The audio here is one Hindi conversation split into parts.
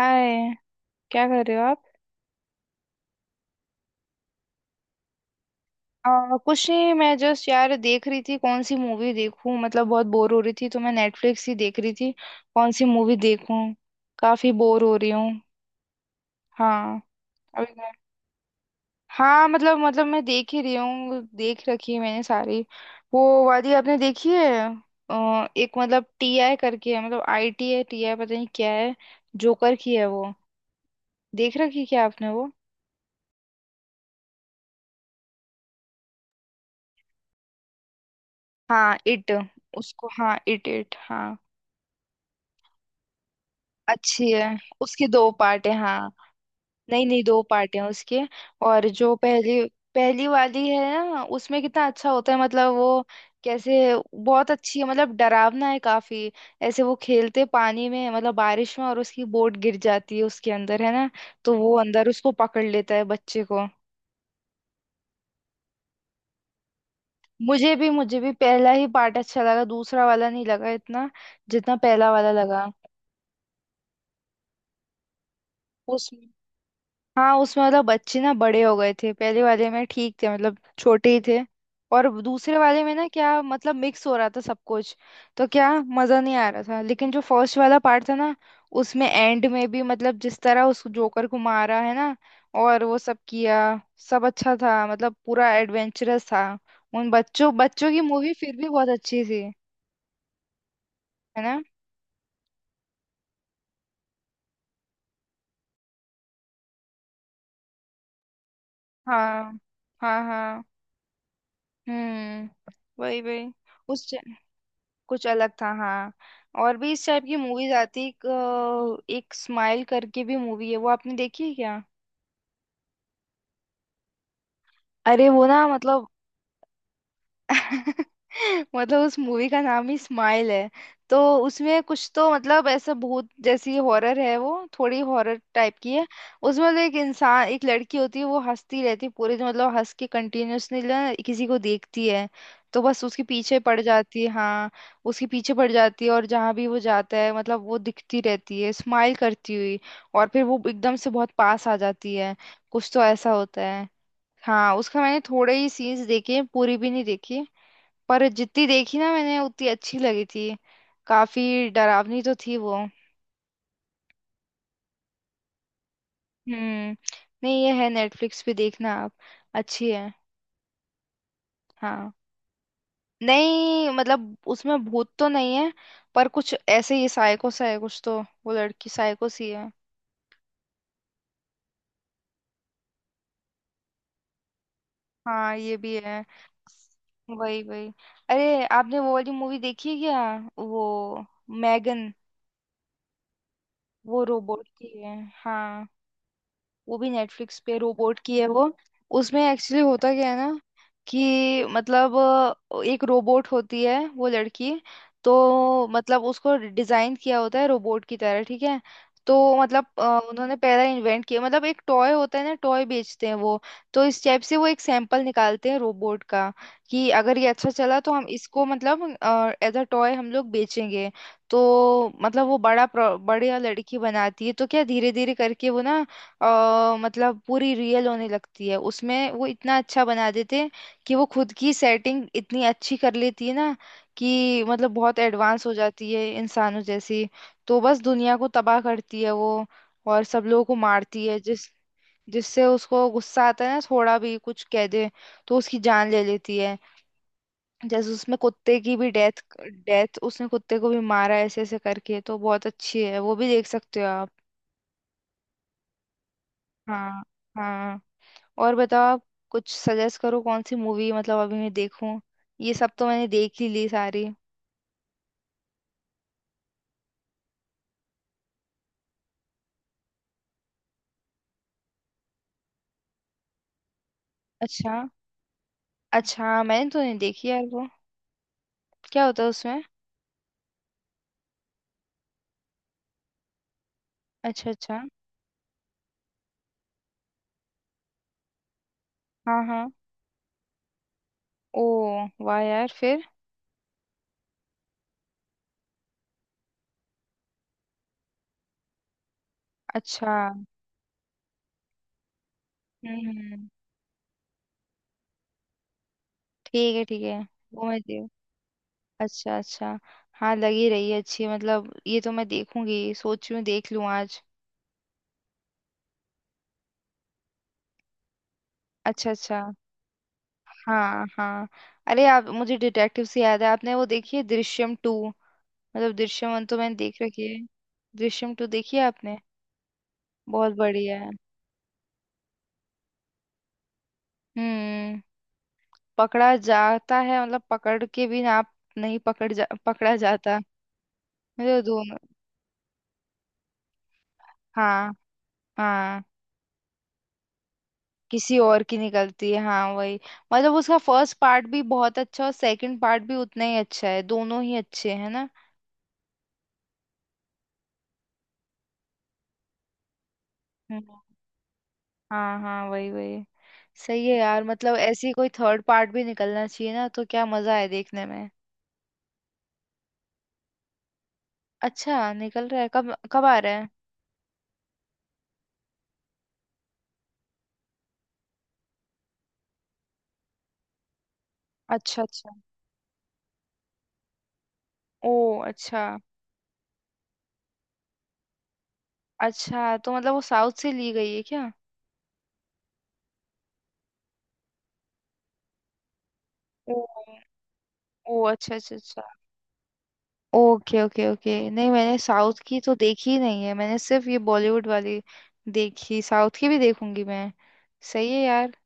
हाय। क्या कर रहे हो आप? कुछ नहीं, मैं जस्ट यार देख रही थी कौन सी मूवी देखूं। मतलब बहुत बोर हो रही थी तो मैं नेटफ्लिक्स ही देख रही थी। कौन सी मूवी देखूं? काफी बोर हो रही हूँ। हाँ। अभी मैं- हाँ मतलब मैं देख ही रही हूँ, देख रखी है मैंने सारी। वो वाली आपने देखी है? एक मतलब टी आई करके है, मतलब आई टी है टी आई, पता नहीं क्या है। जोकर की है वो। देख रखी क्या आपने वो? हाँ इट। उसको हाँ, इट इट हाँ। अच्छी है। उसके दो पार्ट है हाँ। नहीं नहीं, दो पार्ट हैं उसके। और जो पहली, पहली वाली है ना उसमें कितना अच्छा होता है, मतलब वो कैसे। बहुत अच्छी है, मतलब डरावना है काफी। ऐसे वो खेलते पानी में, मतलब बारिश में, और उसकी बोट गिर जाती है उसके अंदर है ना। तो वो अंदर उसको पकड़ लेता है बच्चे को। मुझे भी पहला ही पार्ट अच्छा लगा, दूसरा वाला नहीं लगा इतना जितना पहला वाला लगा। उस हाँ उसमें मतलब बच्चे ना बड़े हो गए थे, पहले वाले में ठीक थे मतलब छोटे ही थे। और दूसरे वाले में ना क्या मतलब मिक्स हो रहा था सब कुछ। तो क्या मजा नहीं आ रहा था। लेकिन जो फर्स्ट वाला पार्ट था ना, उसमें एंड में भी मतलब जिस तरह उस जोकर को मारा है ना और वो सब किया, सब अच्छा था। मतलब पूरा एडवेंचरस था। उन बच्चों बच्चों की मूवी फिर भी बहुत अच्छी थी। है ना। हाँ हाँ हाँ। हम्म। वही वही। उस कुछ अलग था हाँ। और भी इस टाइप की मूवीज आती। एक स्माइल करके भी मूवी है, वो आपने देखी है क्या? अरे वो ना मतलब मतलब उस मूवी का नाम ही स्माइल है। तो उसमें कुछ तो मतलब ऐसा भूत जैसी हॉरर है वो। थोड़ी हॉरर टाइप की है। उसमें मतलब एक इंसान, एक लड़की होती है। वो हंसती रहती है पूरे दिन, मतलब हंस के कंटिन्यूअसली ना किसी को देखती है तो बस उसके पीछे पड़ जाती है हाँ। उसके पीछे पड़ जाती है और जहाँ भी वो जाता है मतलब वो दिखती रहती है स्माइल करती हुई। और फिर वो एकदम से बहुत पास आ जाती है। कुछ तो ऐसा होता है। हाँ, उसका मैंने थोड़े ही सीन्स देखे हैं, पूरी भी नहीं देखी। पर जितनी देखी ना मैंने, उतनी अच्छी लगी थी। काफी डरावनी तो थी वो। हम्म। नहीं, ये है नेटफ्लिक्स पे, देखना आप। अच्छी है। हाँ। नहीं मतलब उसमें भूत तो नहीं है, पर कुछ ऐसे ही साइको सा है कुछ तो। वो लड़की साइको सी है। हाँ ये भी है। वही वही। अरे आपने वो वाली मूवी देखी है क्या? वो मैगन। वो रोबोट की है। हाँ। वो भी नेटफ्लिक्स पे, रोबोट की है वो। उसमें एक्चुअली होता क्या है ना कि मतलब एक रोबोट होती है वो लड़की। तो मतलब उसको डिजाइन किया होता है रोबोट की तरह ठीक है। तो मतलब उन्होंने पहला इन्वेंट किया मतलब एक टॉय होता है ना, टॉय बेचते हैं वो। तो इस टाइप से वो एक सैंपल निकालते हैं रोबोट का कि अगर ये अच्छा चला तो हम इसको मतलब एज अ टॉय हम लोग बेचेंगे। तो मतलब वो बड़ा बढ़िया लड़की बनाती है। तो क्या धीरे धीरे करके वो ना, अ मतलब पूरी रियल होने लगती है। उसमें वो इतना अच्छा बना देते हैं कि वो खुद की सेटिंग इतनी अच्छी कर लेती है ना, कि मतलब बहुत एडवांस हो जाती है इंसानों जैसी। तो बस दुनिया को तबाह करती है वो, और सब लोगों को मारती है, जिस जिससे उसको गुस्सा आता है ना थोड़ा भी कुछ कह दे तो उसकी जान ले लेती है। जैसे उसमें कुत्ते की भी डेथ डेथ उसने कुत्ते को भी मारा ऐसे ऐसे करके। तो बहुत अच्छी है वो भी, देख सकते हो आप। हाँ हाँ। और बताओ आप, कुछ सजेस्ट करो कौन सी मूवी मतलब अभी मैं देखूं। ये सब तो मैंने देख ही ली सारी। अच्छा। अच्छा मैंने तो नहीं देखी यार वो। क्या होता है उसमें? अच्छा अच्छा। हाँ हाँ। ओ, वाह यार फिर। अच्छा हम्म। हम्म, हम्म। ठीक है ठीक है। वो मैं देख। अच्छा अच्छा। हाँ, लगी रही है अच्छी, मतलब ये तो मैं देखूंगी, सोच रही हूँ देख लूँ आज। अच्छा अच्छा। हाँ हाँ। अरे आप, मुझे डिटेक्टिव से याद है, आपने वो देखी है दृश्यम टू? मतलब दृश्यम वन तो मैंने देख रखी है। दृश्यम टू देखी है आपने? बहुत बढ़िया है। हम्म। पकड़ा जाता है मतलब पकड़ के भी आप। नहीं पकड़ जा पकड़ा जाता। मतलब दोनों। हाँ हाँ। किसी और की निकलती है हाँ वही। मतलब उसका फर्स्ट पार्ट भी बहुत अच्छा और सेकंड पार्ट भी उतना ही अच्छा है। दोनों ही अच्छे हैं ना। हम्म। हाँ हाँ। वही वही। सही है यार। मतलब ऐसी कोई थर्ड पार्ट भी निकलना चाहिए ना, तो क्या मजा है देखने में। अच्छा निकल रहा है? कब कब आ रहा है? अच्छा अच्छा। ओ अच्छा। अच्छा, तो मतलब वो साउथ से ली गई है क्या? ओ। ओ अच्छा अच्छा अच्छा। Okay okay okay. नहीं, मैंने साउथ की तो देखी ही नहीं है, मैंने सिर्फ ये बॉलीवुड वाली देखी। साउथ की भी देखूंगी मैं। सही है यार।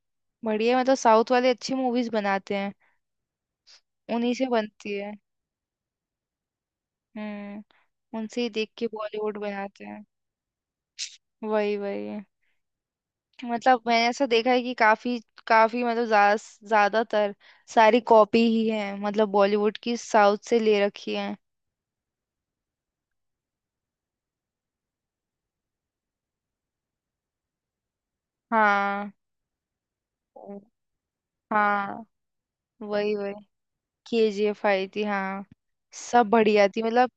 बढ़िया, मतलब साउथ वाले अच्छी मूवीज बनाते हैं। उन्हीं से बनती है। हम्म। उनसे ही देख के बॉलीवुड बनाते हैं। वही वही। मतलब मैंने ऐसा देखा है कि काफी काफी मतलब ज्यादातर सारी कॉपी ही है, मतलब बॉलीवुड की साउथ से ले रखी है। हाँ। ओ। हाँ वही वही। केजीएफ आई थी हाँ। सब बढ़िया थी मतलब।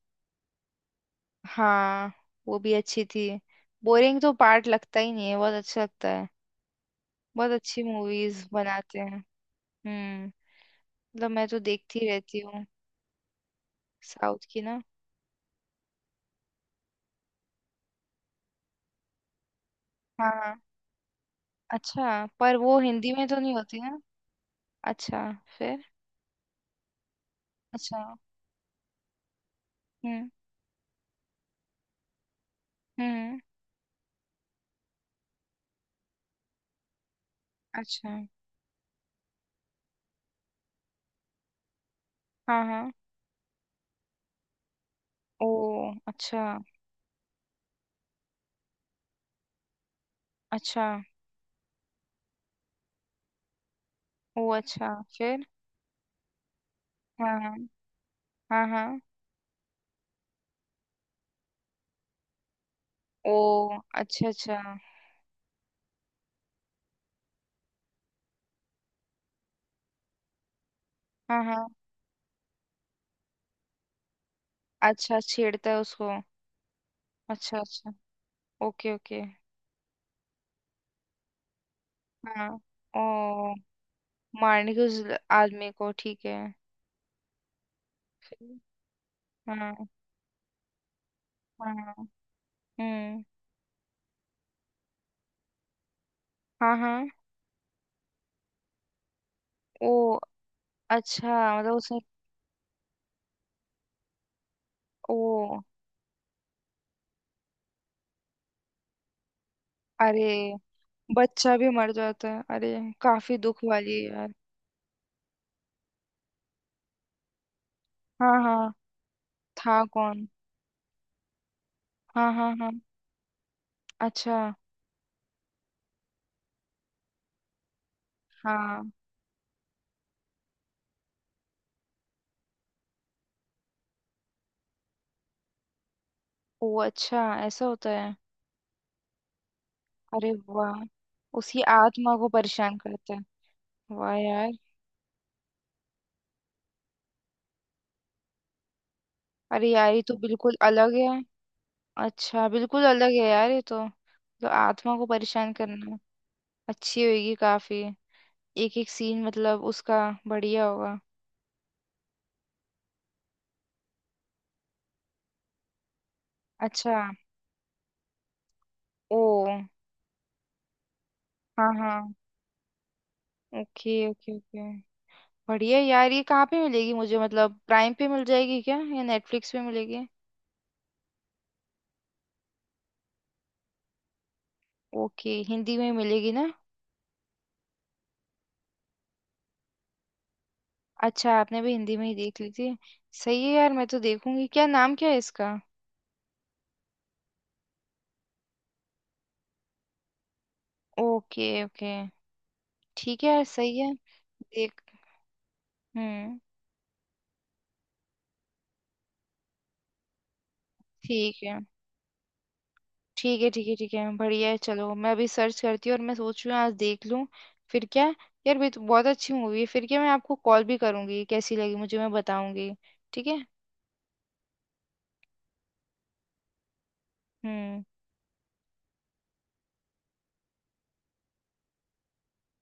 हाँ। वो भी अच्छी थी। बोरिंग तो पार्ट लगता ही नहीं है, बहुत अच्छा लगता है। बहुत अच्छी मूवीज बनाते हैं। हम्म। मतलब मैं तो देखती रहती हूँ साउथ की ना। हाँ। अच्छा पर वो हिंदी में तो नहीं होती ना? अच्छा। फिर। अच्छा। हम्म। हम्म। अच्छा। हाँ हाँ। ओ। अच्छा अच्छा। ओ अच्छा। फिर। हाँ हाँ। हाँ हाँ। ओ। अच्छा अच्छा। हाँ हाँ। अच्छा, छेड़ता है उसको। अच्छा अच्छा। Okay okay. हाँ। ओ। मारने की उस आदमी को ठीक है। फिर। हाँ हाँ हाँ, हम्म। हाँ हाँ। ओ अच्छा, मतलब उसने। ओ। अरे, बच्चा भी मर जाता है अरे। काफी दुख वाली है यार। हाँ हाँ। था कौन? हाँ हाँ हाँ। अच्छा। हाँ। ओ अच्छा, ऐसा होता है। अरे वाह। उसकी आत्मा को परेशान करता है। वाह यार। अरे यार, ये तो बिल्कुल अलग है। अच्छा बिल्कुल अलग है यार ये तो। तो आत्मा को परेशान करना। अच्छी होगी काफी। एक एक सीन मतलब उसका बढ़िया होगा। अच्छा। ओ। हाँ हाँ। Okay okay okay. बढ़िया यार। ये कहाँ पे मिलेगी मुझे, मतलब प्राइम पे मिल जाएगी क्या या नेटफ्लिक्स पे मिलेगी? ओके, हिंदी में मिलेगी ना? अच्छा, आपने भी हिंदी में ही देख ली थी। सही है यार, मैं तो देखूंगी। क्या नाम क्या है इसका? Okay okay. ठीक है यार सही है। देख। हम्म। ठीक है ठीक है ठीक है ठीक है, बढ़िया है। चलो मैं अभी सर्च करती हूँ और मैं सोच रही हूँ आज देख लूँ। फिर क्या यार, भी तो बहुत अच्छी मूवी है। फिर क्या, मैं आपको कॉल भी करूंगी, कैसी लगी मुझे मैं बताऊंगी। ठीक है। हम्म।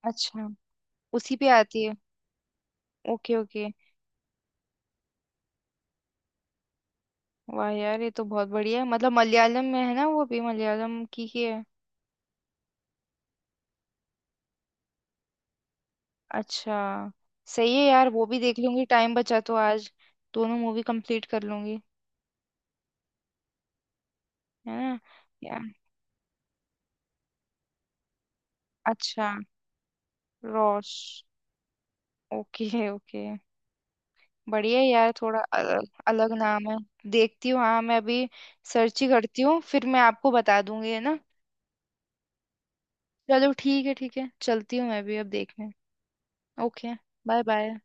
अच्छा, उसी पे आती है। Okay okay. वाह यार ये तो बहुत बढ़िया है। मतलब मलयालम में है ना वो भी, मलयालम की ही है। अच्छा। सही है यार, वो भी देख लूंगी, टाइम बचा तो आज दोनों मूवी कंप्लीट कर लूंगी। है ना। या। अच्छा। रॉस। Okay okay. बढ़िया है यार, थोड़ा अलग, अलग नाम है। देखती हूँ हाँ मैं अभी, सर्च ही करती हूँ, फिर मैं आपको बता दूंगी है ना। चलो ठीक है ठीक है, चलती हूँ मैं भी अब देखने। ओके। Bye bye.